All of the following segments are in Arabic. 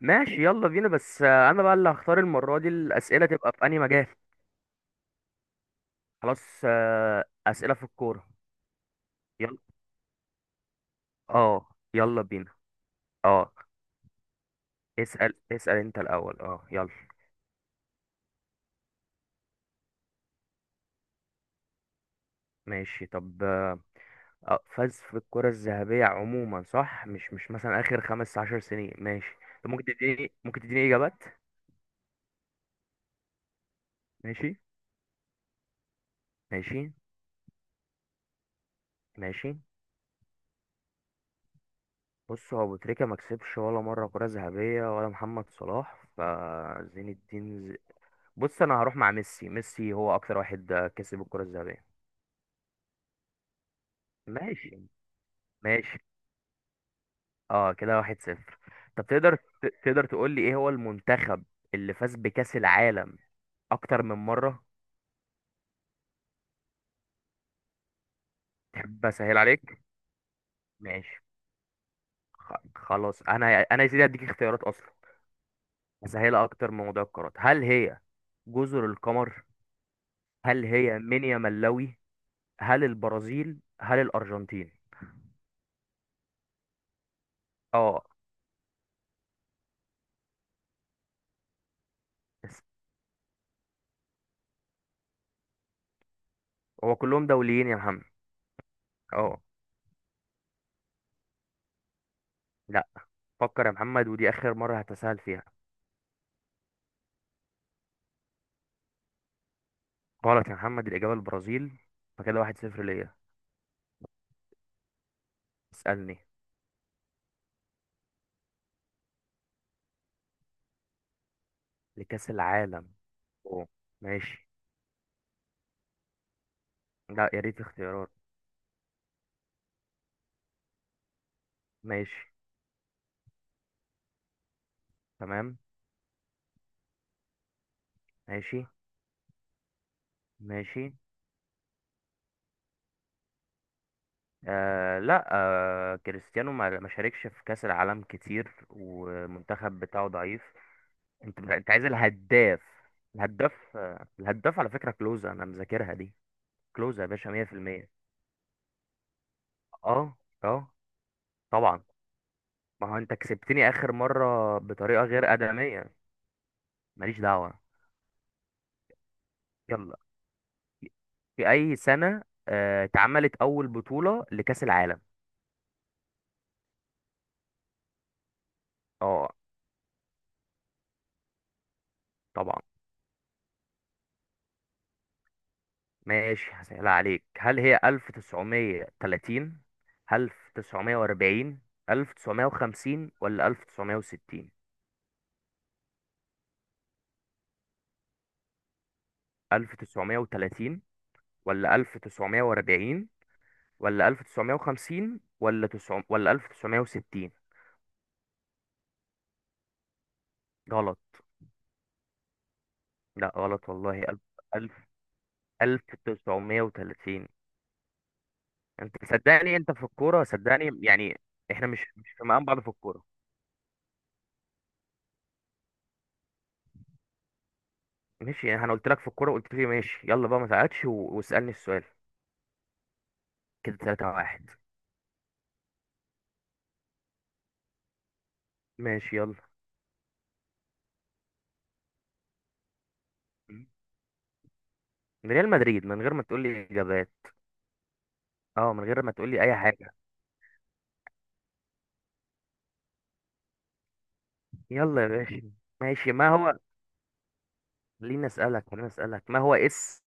ماشي يلا بينا بس انا بقى اللي هختار المره دي الاسئله تبقى في انهي مجال. خلاص اسئله في الكوره. يلا. اه يلا بينا. اه اسال انت الاول اه يلا. ماشي طب فاز في الكره الذهبيه عموما، صح؟ مش مثلا اخر 15 سنين ماشي. طب ممكن تديني، ممكن تديني اجابات. ماشي. ماشي. ماشي. بص هو ابو تريكه ما كسبش ولا مره كره ذهبيه، ولا محمد صلاح فزين الدين. بص انا هروح مع ميسي. ميسي هو اكتر واحد كسب الكرة الذهبية. ماشي. ماشي. اه كده 1-0. طب تقدر تقدر تقول لي ايه هو المنتخب اللي فاز بكأس العالم اكتر من مرة؟ تحب اسهل عليك؟ ماشي. خلاص انا يا سيدي هديك اختيارات اصلا. اسهلها اكتر من موضوع القارات، هل هي جزر القمر؟ هل هي مينيا ملاوي؟ هل البرازيل؟ هل الارجنتين؟ اه بس. هو كلهم دوليين يا محمد. اه. لا. فكر يا محمد، ودي اخر مره هتساءل فيها. غلط يا محمد، الاجابه البرازيل. فكده 1-0 ليا. اسالني. لكاس العالم. أوه. ماشي. لا، يا ريت اختيارات. ماشي. تمام. ماشي. ماشي لا كريستيانو ما شاركش في كأس العالم كتير، والمنتخب بتاعه ضعيف. انت عايز الهداف؟ الهداف، الهداف على فكرة كلوزا انا مذاكرها دي. كلوزا يا باشا 100%. اه. اه طبعا. ما هو انت كسبتني اخر مرة بطريقة غير ادمية. ماليش دعوة. يلا. في اي سنة اتعملت اول بطولة لكأس العالم؟ اه طبعا. ماشي هسهلها عليك، هل هي 1930، 1940، 1950، ولا 1960؟ 1930، ولا 1940، ولا 1950، ولا 9، ولا 1960؟ غلط. لا غلط والله. 1000. 1930. انت صدقني، انت في الكورة صدقني يعني. احنا مش في مقام بعض في الكورة. ماشي، انا قلت لك في الكورة، قلت لي ماشي يلا بقى ما تعادش و... واسألني السؤال. كده 3 واحد. ماشي. يلا. من ريال مدريد، من غير ما تقول لي اجابات. اه من غير ما تقول لي اي حاجة. يلا يا باشا. ماشي ما هو. خليني اسألك، خليني اسألك ما هو اسم،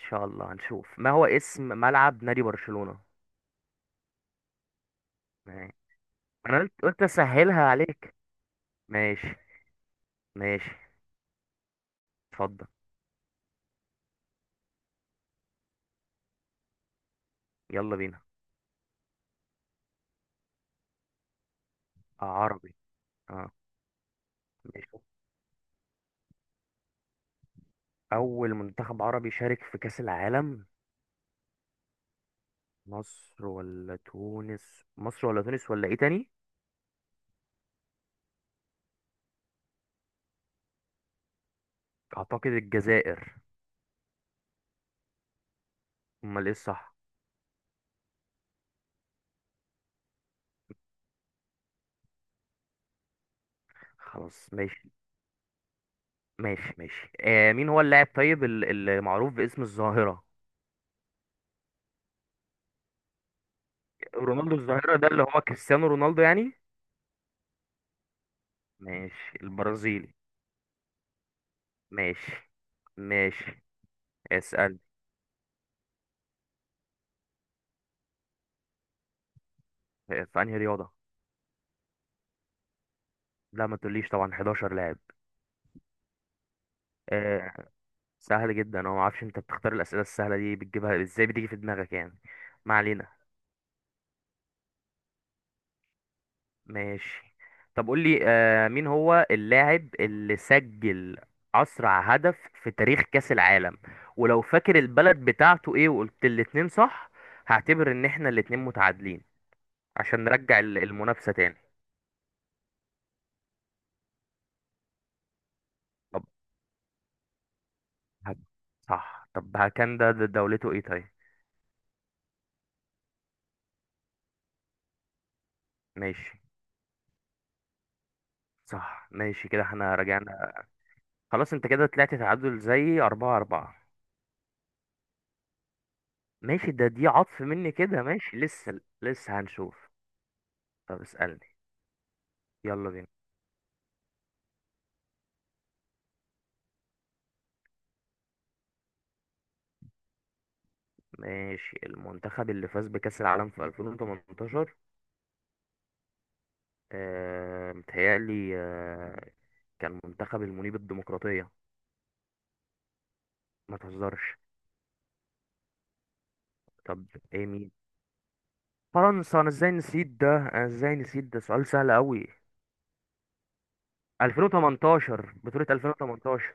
ان شاء الله هنشوف، ما هو اسم ملعب نادي برشلونة؟ ماشي. انا قلت، قلت اسهلها عليك. ماشي. ماشي. اتفضل. يلا بينا. عربي. اه ماشي. اول منتخب عربي شارك في كأس العالم، مصر ولا تونس؟ مصر ولا تونس ولا ايه تاني؟ اعتقد الجزائر. امال ايه الصح؟ خلاص ماشي. ماشي. ماشي آه، مين هو اللاعب طيب المعروف باسم الظاهرة؟ رونالدو الظاهرة ده اللي هو كريستيانو رونالدو يعني؟ ماشي البرازيلي. ماشي. ماشي. اسأل. في انهي رياضة؟ لا ما تقوليش، طبعا 11 لاعب. آه، سهل جدا. انا ما اعرفش انت بتختار الاسئله السهله دي، بتجيبها ازاي، بتيجي في دماغك يعني. ما علينا. ماشي. طب قول لي مين هو اللاعب اللي سجل اسرع هدف في تاريخ كاس العالم؟ ولو فاكر البلد بتاعته ايه وقلت الاتنين صح، هعتبر ان احنا الاتنين متعادلين عشان نرجع المنافسه تاني. طب هب- صح. طب ها كان ده، ده دولته ايه طيب؟ ماشي صح، ماشي كده احنا رجعنا. خلاص انت كده طلعت تعادل زي 4-4. ماشي، ده دي عطف مني كده. ماشي لسه، لسه هنشوف. طب اسألني. يلا بينا. ماشي، المنتخب اللي فاز بكأس العالم في 2018؟ آه متهيألي آه كان منتخب المنيب الديمقراطية. ما تهزرش. طب. ايه مين؟ فرنسا. انا ازاي نسيت ده، انا ازاي نسيت ده، سؤال سهل قوي. 2018، بطولة 2018؟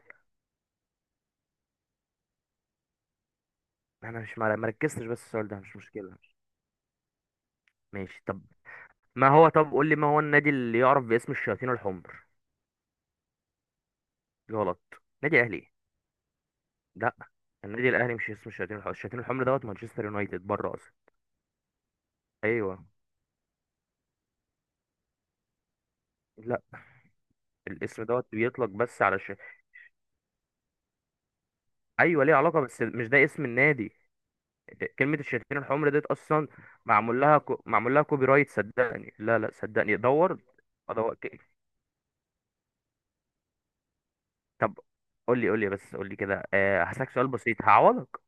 انا مش مر- مركزتش، بس السؤال ده مش مشكلة. ماشي. طب ما هو، طب قول لي، ما هو النادي اللي يعرف باسم الشياطين الحمر؟ غلط. نادي اهلي؟ لا، النادي الاهلي مش اسمه الشياطين الحمر، الشياطين الحمر دوت مانشستر يونايتد بره اصلا. ايوه. لا، الاسم دوت بيطلق بس على ايوه، ليه علاقه بس مش ده اسم النادي. كلمه الشياطين الحمر ديت اصلا معمول لها معمول لها كوبي رايت صدقني. لا، لا، صدقني دور. ادور ك- طب قول لي، قول لي، بس قول لي كده. أه هسألك سؤال بسيط هعوضك.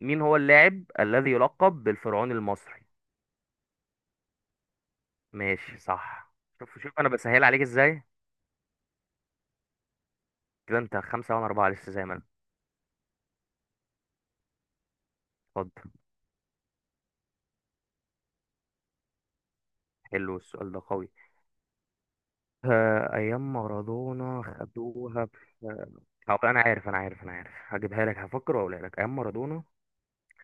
مين هو اللاعب الذي يلقب بالفرعون المصري؟ ماشي صح. شوف، شوف انا بسهل عليك ازاي. كده انت 5 وانا 4 لسه زي ما أنا. اتفضل. حلو السؤال ده قوي. ايام مارادونا خدوها في. هو انا عارف، انا عارف، انا عارف هجيبها لك، هفكر واقولها لك. ايام مارادونا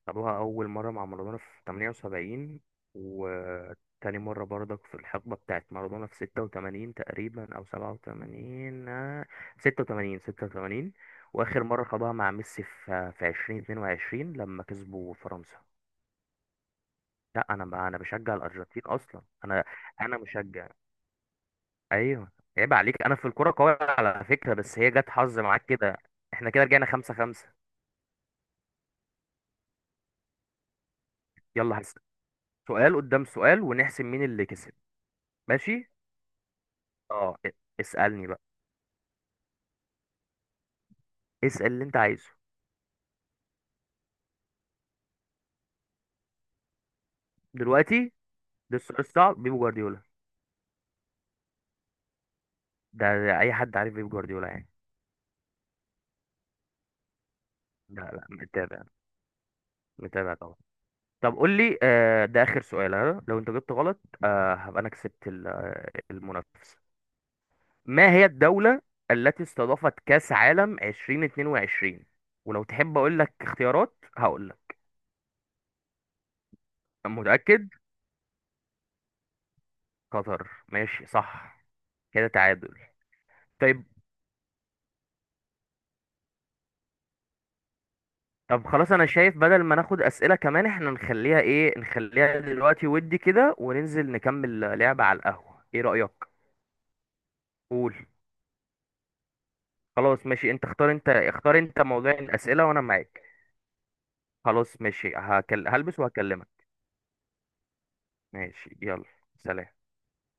خدوها اول مره مع مارادونا في 78. وتاني مره برضك في الحقبه بتاعت مارادونا في 86 تقريبا او 87، 86، 86. واخر مره خدوها مع ميسي في 2022 لما كسبوا فرنسا. لا، انا بقى انا بشجع الارجنتين اصلا انا. انا مشجع. ايوه. عيب عليك، انا في الكوره قوي على فكره، بس هي جت حظ معاك كده. احنا كده رجعنا 5-5. يلا سؤال قدام سؤال ونحسب مين اللي كسب. ماشي. اه ا- اسألني بقى. اسأل اللي انت عايزه. دلوقتي؟ ده السؤال الصعب؟ بيب جوارديولا. ده, ده اي حد عارف بيب جوارديولا يعني. لا، لا، متابع. متابع طبعا. طب قول لي ده اخر سؤال ها؟ لو انت جبت غلط هبقى انا كسبت المنافسة. ما هي الدولة التي استضافت كأس عالم 2022؟ ولو تحب اقول لك اختيارات هقول لك. متأكد؟ قطر، ماشي صح. كده تعادل. طيب. طب خلاص انا شايف بدل ما ناخد أسئلة كمان، احنا نخليها ايه، نخليها دلوقتي ودي كده وننزل نكمل لعبة على القهوة، ايه رأيك؟ قول. خلاص ماشي، انت اختار، انت اختار انت موضوع الأسئلة وانا معاك. خلاص ماشي هلبس وهكلمك. ماشي يلا. سلام.